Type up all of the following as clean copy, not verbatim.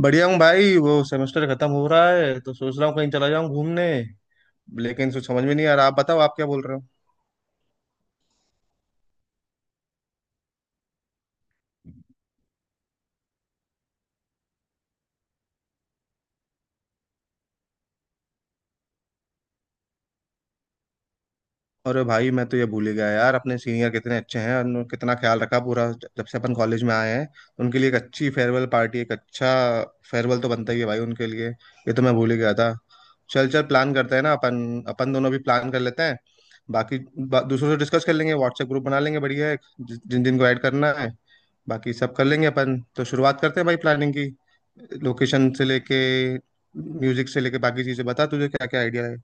बढ़िया हूँ भाई। वो सेमेस्टर खत्म हो रहा है, तो सोच रहा हूँ कहीं चला जाऊँ घूमने। लेकिन सोच समझ में नहीं आ रहा। आप बताओ, आप क्या बोल रहे हो। अरे भाई, मैं तो ये भूल ही गया यार। अपने सीनियर कितने अच्छे हैं, उन्होंने कितना ख्याल रखा पूरा जब से अपन कॉलेज में आए हैं। उनके लिए एक अच्छी फेयरवेल पार्टी, एक अच्छा फेयरवेल तो बनता ही है भाई उनके लिए। ये तो मैं भूल ही गया था। चल चल, प्लान करते हैं ना। अपन अपन दोनों भी प्लान कर लेते हैं। बाकी दूसरों से डिस्कस कर लेंगे, व्हाट्सएप ग्रुप बना लेंगे बढ़िया एक। जिन जिन को ऐड करना है बाकी सब कर लेंगे अपन। तो शुरुआत करते हैं भाई प्लानिंग की। लोकेशन से लेके, म्यूजिक से लेके बाकी चीजें बता तुझे क्या क्या आइडिया है।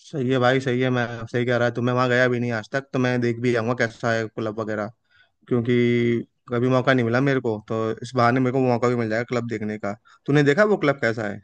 सही है भाई, सही है। मैं सही कह रहा है तो। मैं वहाँ गया भी नहीं आज तक, तो मैं देख भी आऊंगा कैसा है क्लब वगैरह। क्योंकि कभी मौका नहीं मिला मेरे को, तो इस बहाने मेरे को मौका भी मिल जाएगा क्लब देखने का। तूने देखा वो क्लब कैसा है?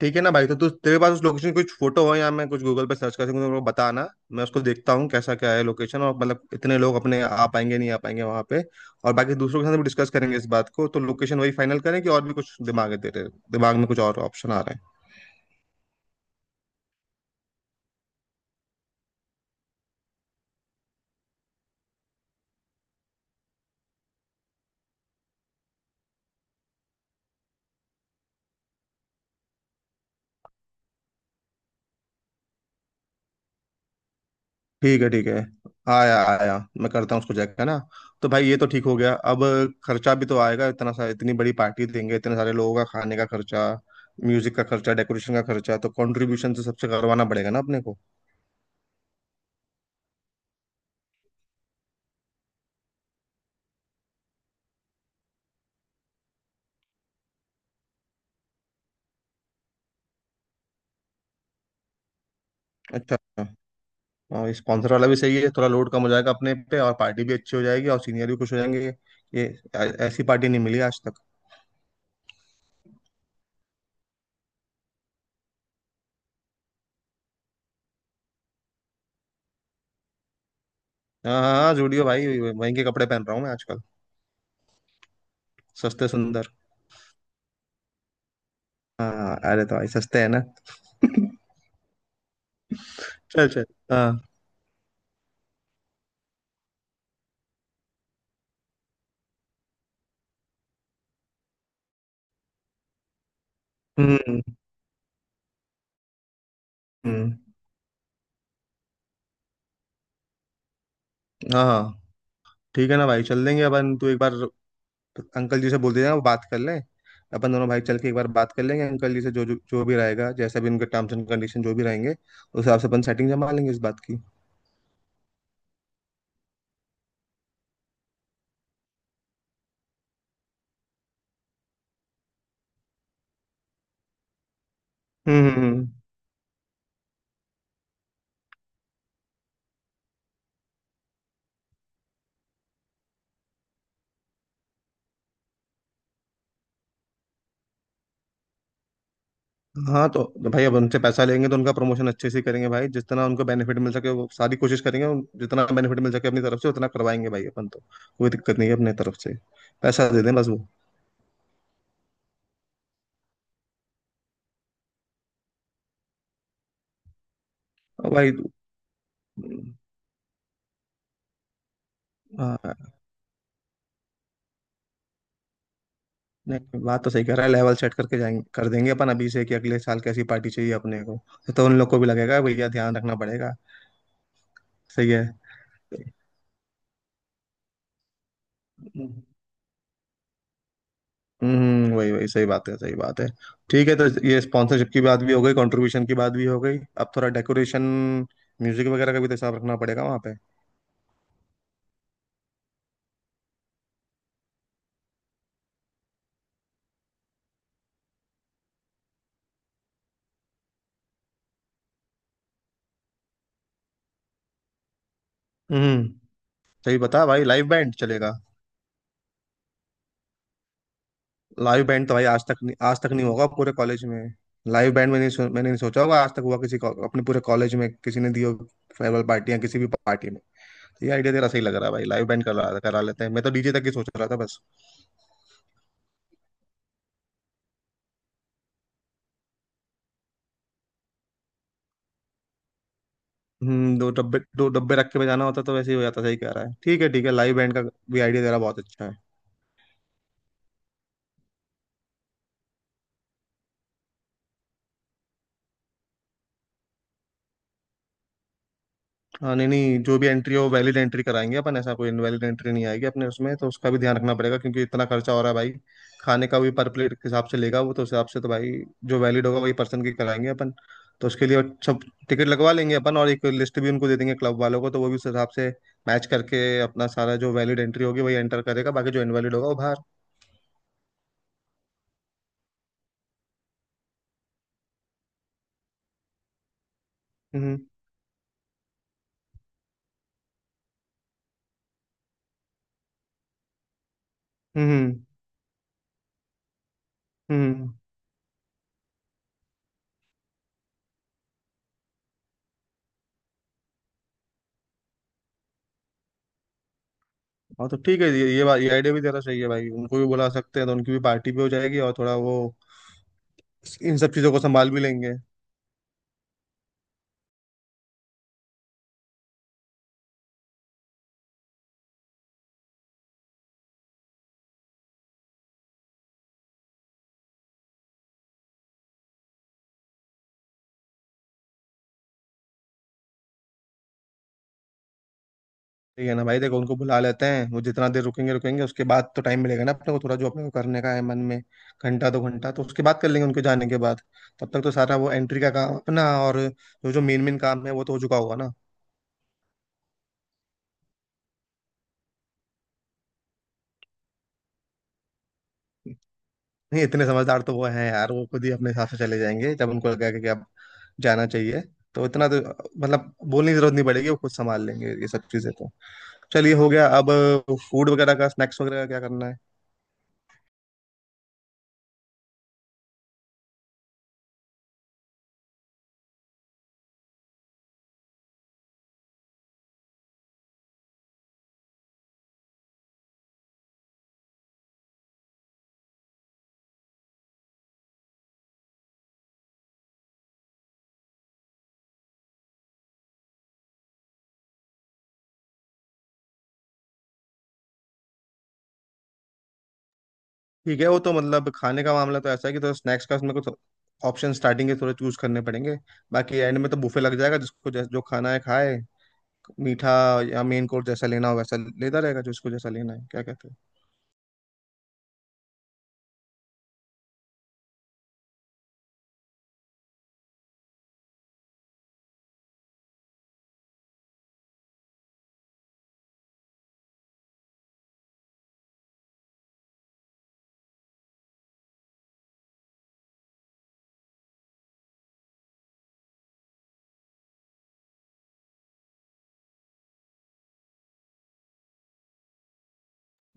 ठीक है ना भाई। तो तू, तेरे पास उस लोकेशन की कुछ फोटो हो या मैं कुछ गूगल पे सर्च कर सकूँ तो मेरे को बताना। मैं उसको देखता हूँ कैसा क्या है लोकेशन, और मतलब इतने लोग अपने आ पाएंगे नहीं आ पाएंगे वहाँ पे। और बाकी दूसरों के साथ भी डिस्कस करेंगे इस बात को, तो लोकेशन वही फाइनल करें। कि और भी कुछ दिमाग है तेरे दिमाग में, कुछ और ऑप्शन आ रहे हैं? ठीक है ठीक है। आया आया, मैं करता हूँ उसको चेक, है ना। तो भाई ये तो ठीक हो गया। अब खर्चा भी तो आएगा इतना सा। इतनी बड़ी पार्टी देंगे, इतने सारे लोगों का खाने का खर्चा, म्यूजिक का खर्चा, डेकोरेशन का खर्चा, तो कंट्रीब्यूशन तो सबसे करवाना पड़ेगा ना अपने को। अच्छा अच्छा। और स्पॉन्सर वाला भी सही है, थोड़ा लोड कम हो जाएगा अपने पे और पार्टी भी अच्छी हो जाएगी और सीनियर भी खुश हो जाएंगे। ये ऐसी पार्टी नहीं मिली आज तक। हाँ हाँ हाँ, जुड़ियो भाई, वहीं के कपड़े पहन रहा हूँ मैं आजकल। सस्ते सुंदर। हाँ अरे, तो भाई सस्ते है ना। चल चल। हाँ। हम्म। हम्म। हाँ हाँ। ठीक है ना भाई, चल देंगे अपन। तू एक बार अंकल जी से बोल देना, वो बात कर लें। अपन दोनों भाई चल के एक बार बात कर लेंगे अंकल जी से। जो जो जो भी रहेगा, जैसा भी उनके टर्म्स एंड कंडीशन जो भी रहेंगे उस हिसाब से अपन सेटिंग जमा लेंगे इस बात की। हम्म हम्म, हम्म। हाँ तो भाई अब उनसे पैसा लेंगे तो उनका प्रमोशन अच्छे से करेंगे भाई। जितना उनको बेनिफिट मिल सके वो सारी कोशिश करेंगे। जितना बेनिफिट मिल सके अपनी तरफ से उतना करवाएंगे भाई अपन तो। कोई दिक्कत नहीं है अपने तरफ से। पैसा दे दें बस वो। और भाई। हाँ। नहीं, बात तो सही कह रहा है। लेवल सेट करके जाएंगे, कर देंगे अपन अभी से कि अगले साल कैसी पार्टी चाहिए अपने को। तो उन लोग को भी लगेगा भैया ध्यान रखना पड़ेगा। सही है। हम्म, वही वही सही बात है, सही बात है। ठीक है, तो ये स्पॉन्सरशिप की बात भी हो गई, कंट्रीब्यूशन की बात भी हो गई। अब थोड़ा डेकोरेशन, म्यूजिक वगैरह का भी तो हिसाब रखना पड़ेगा वहाँ पे। हम्म। सही बता भाई, लाइव बैंड चलेगा। लाइव बैंड तो भाई आज तक नहीं, आज तक नहीं होगा पूरे कॉलेज में। लाइव बैंड, मैंने नहीं सोचा होगा आज तक हुआ किसी को अपने पूरे कॉलेज में किसी ने दी हो फेयरवेल पार्टी या किसी भी पार्टी में। तो ये आइडिया तेरा सही लग रहा है भाई, लाइव बैंड करा करा लेते हैं। मैं तो डीजे तक ही सोच रहा था बस। हम्म, दो डब्बे रख के बजाना होता तो वैसे ही हो जाता। सही कह रहा है, ठीक है ठीक है। लाइव बैंड का भी आइडिया तेरा बहुत अच्छा है। हाँ, नहीं नहीं, जो भी एंट्री हो वैलिड एंट्री कराएंगे अपन। ऐसा कोई इनवैलिड एंट्री नहीं आएगी अपने उसमें, तो उसका भी ध्यान रखना पड़ेगा क्योंकि इतना खर्चा हो रहा है भाई। खाने का भी पर प्लेट के हिसाब से लेगा वो, तो उस हिसाब से तो भाई जो वैलिड होगा वही पर्सन की कराएंगे अपन। तो उसके लिए सब टिकट लगवा लेंगे अपन, और एक लिस्ट भी उनको दे देंगे क्लब वालों को, तो वो भी उस हिसाब से मैच करके अपना सारा जो वैलिड एंट्री होगी वही एंटर करेगा, बाकी जो इनवैलिड होगा वो बाहर। हम्म। हम्म। हम्म। हाँ तो ठीक है, ये बात, ये आइडिया भी जरा सही है भाई, उनको भी बुला सकते हैं। तो उनकी भी पार्टी भी हो जाएगी और थोड़ा वो इन सब चीज़ों को संभाल भी लेंगे। ठीक है ना भाई, देखो उनको बुला लेते हैं। वो जितना देर रुकेंगे रुकेंगे, उसके बाद तो टाइम मिलेगा ना अपने को थोड़ा जो अपने को करने का है मन में। घंटा दो घंटा तो उसके बाद कर लेंगे उनके जाने के बाद। तब तक तो सारा वो एंट्री का काम अपना और जो जो मेन मेन काम है वो तो हो चुका होगा ना। नहीं, इतने समझदार तो वो हैं यार। वो खुद ही अपने हिसाब से चले जाएंगे जब उनको लगेगा कि अब जाना चाहिए। तो इतना तो मतलब बोलने की जरूरत नहीं पड़ेगी, वो खुद संभाल लेंगे ये सब चीजें तो। चलिए, हो गया। अब फूड वगैरह का, स्नैक्स वगैरह का क्या करना है? ठीक है, वो तो मतलब खाने का मामला तो ऐसा है कि, तो स्नैक्स का उसमें कुछ ऑप्शन स्टार्टिंग के थोड़े चूज करने पड़ेंगे। बाकी एंड में तो बुफे लग जाएगा, जिसको जो खाना है खाए। मीठा या मेन कोर्स जैसा लेना हो वैसा लेता रहेगा, जिसको जैसा लेना है। क्या कहते हो?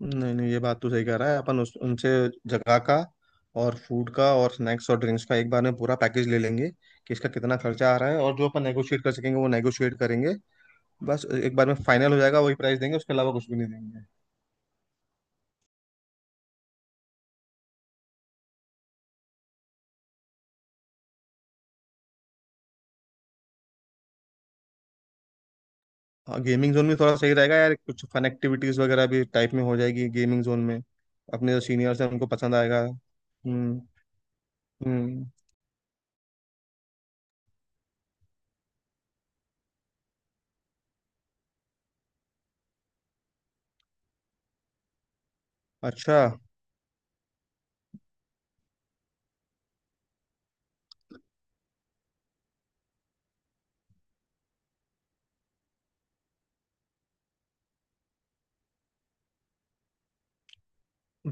नहीं नहीं, ये बात तो सही कह रहा है अपन। उस उनसे जगह का और फूड का और स्नैक्स और ड्रिंक्स का एक बार में पूरा पैकेज ले लेंगे कि इसका कितना खर्चा आ रहा है, और जो अपन नेगोशिएट कर सकेंगे वो नेगोशिएट करेंगे। बस एक बार में फाइनल हो जाएगा, वही प्राइस देंगे, उसके अलावा कुछ भी नहीं देंगे। हाँ, गेमिंग जोन भी थोड़ा सही रहेगा यार। कुछ फन एक्टिविटीज वगैरह भी टाइप में हो जाएगी गेमिंग जोन में। अपने जो सीनियर्स हैं उनको पसंद आएगा। हम्म। हम्म। अच्छा।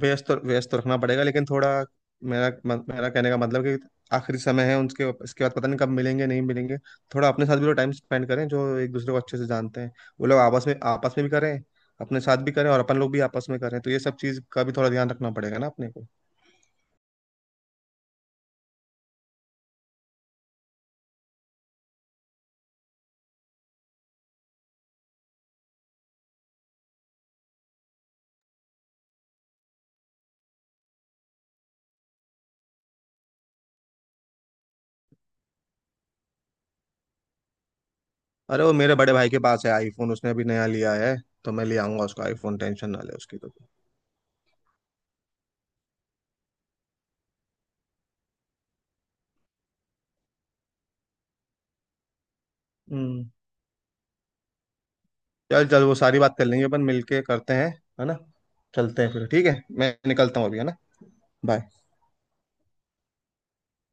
व्यस्त तो रखना पड़ेगा, लेकिन थोड़ा मेरा मत- मेरा कहने का मतलब कि आखिरी समय है उनके, इसके बाद पता नहीं कब मिलेंगे नहीं मिलेंगे। थोड़ा अपने साथ भी तो टाइम स्पेंड करें, जो एक दूसरे को अच्छे से जानते हैं वो लोग आपस में, आपस में भी करें, अपने साथ भी करें और अपन लोग भी आपस में करें। तो ये सब चीज़ का भी थोड़ा ध्यान रखना पड़ेगा ना अपने को। अरे, वो मेरे बड़े भाई के पास है आईफोन, उसने अभी नया लिया है। तो मैं ले आऊंगा उसको आईफोन, टेंशन ना ले उसकी तो। हम्म। चल चल, वो सारी बात कर लेंगे अपन, मिलके करते हैं, है ना। चलते हैं फिर, ठीक है, मैं निकलता हूँ अभी, है ना। बाय।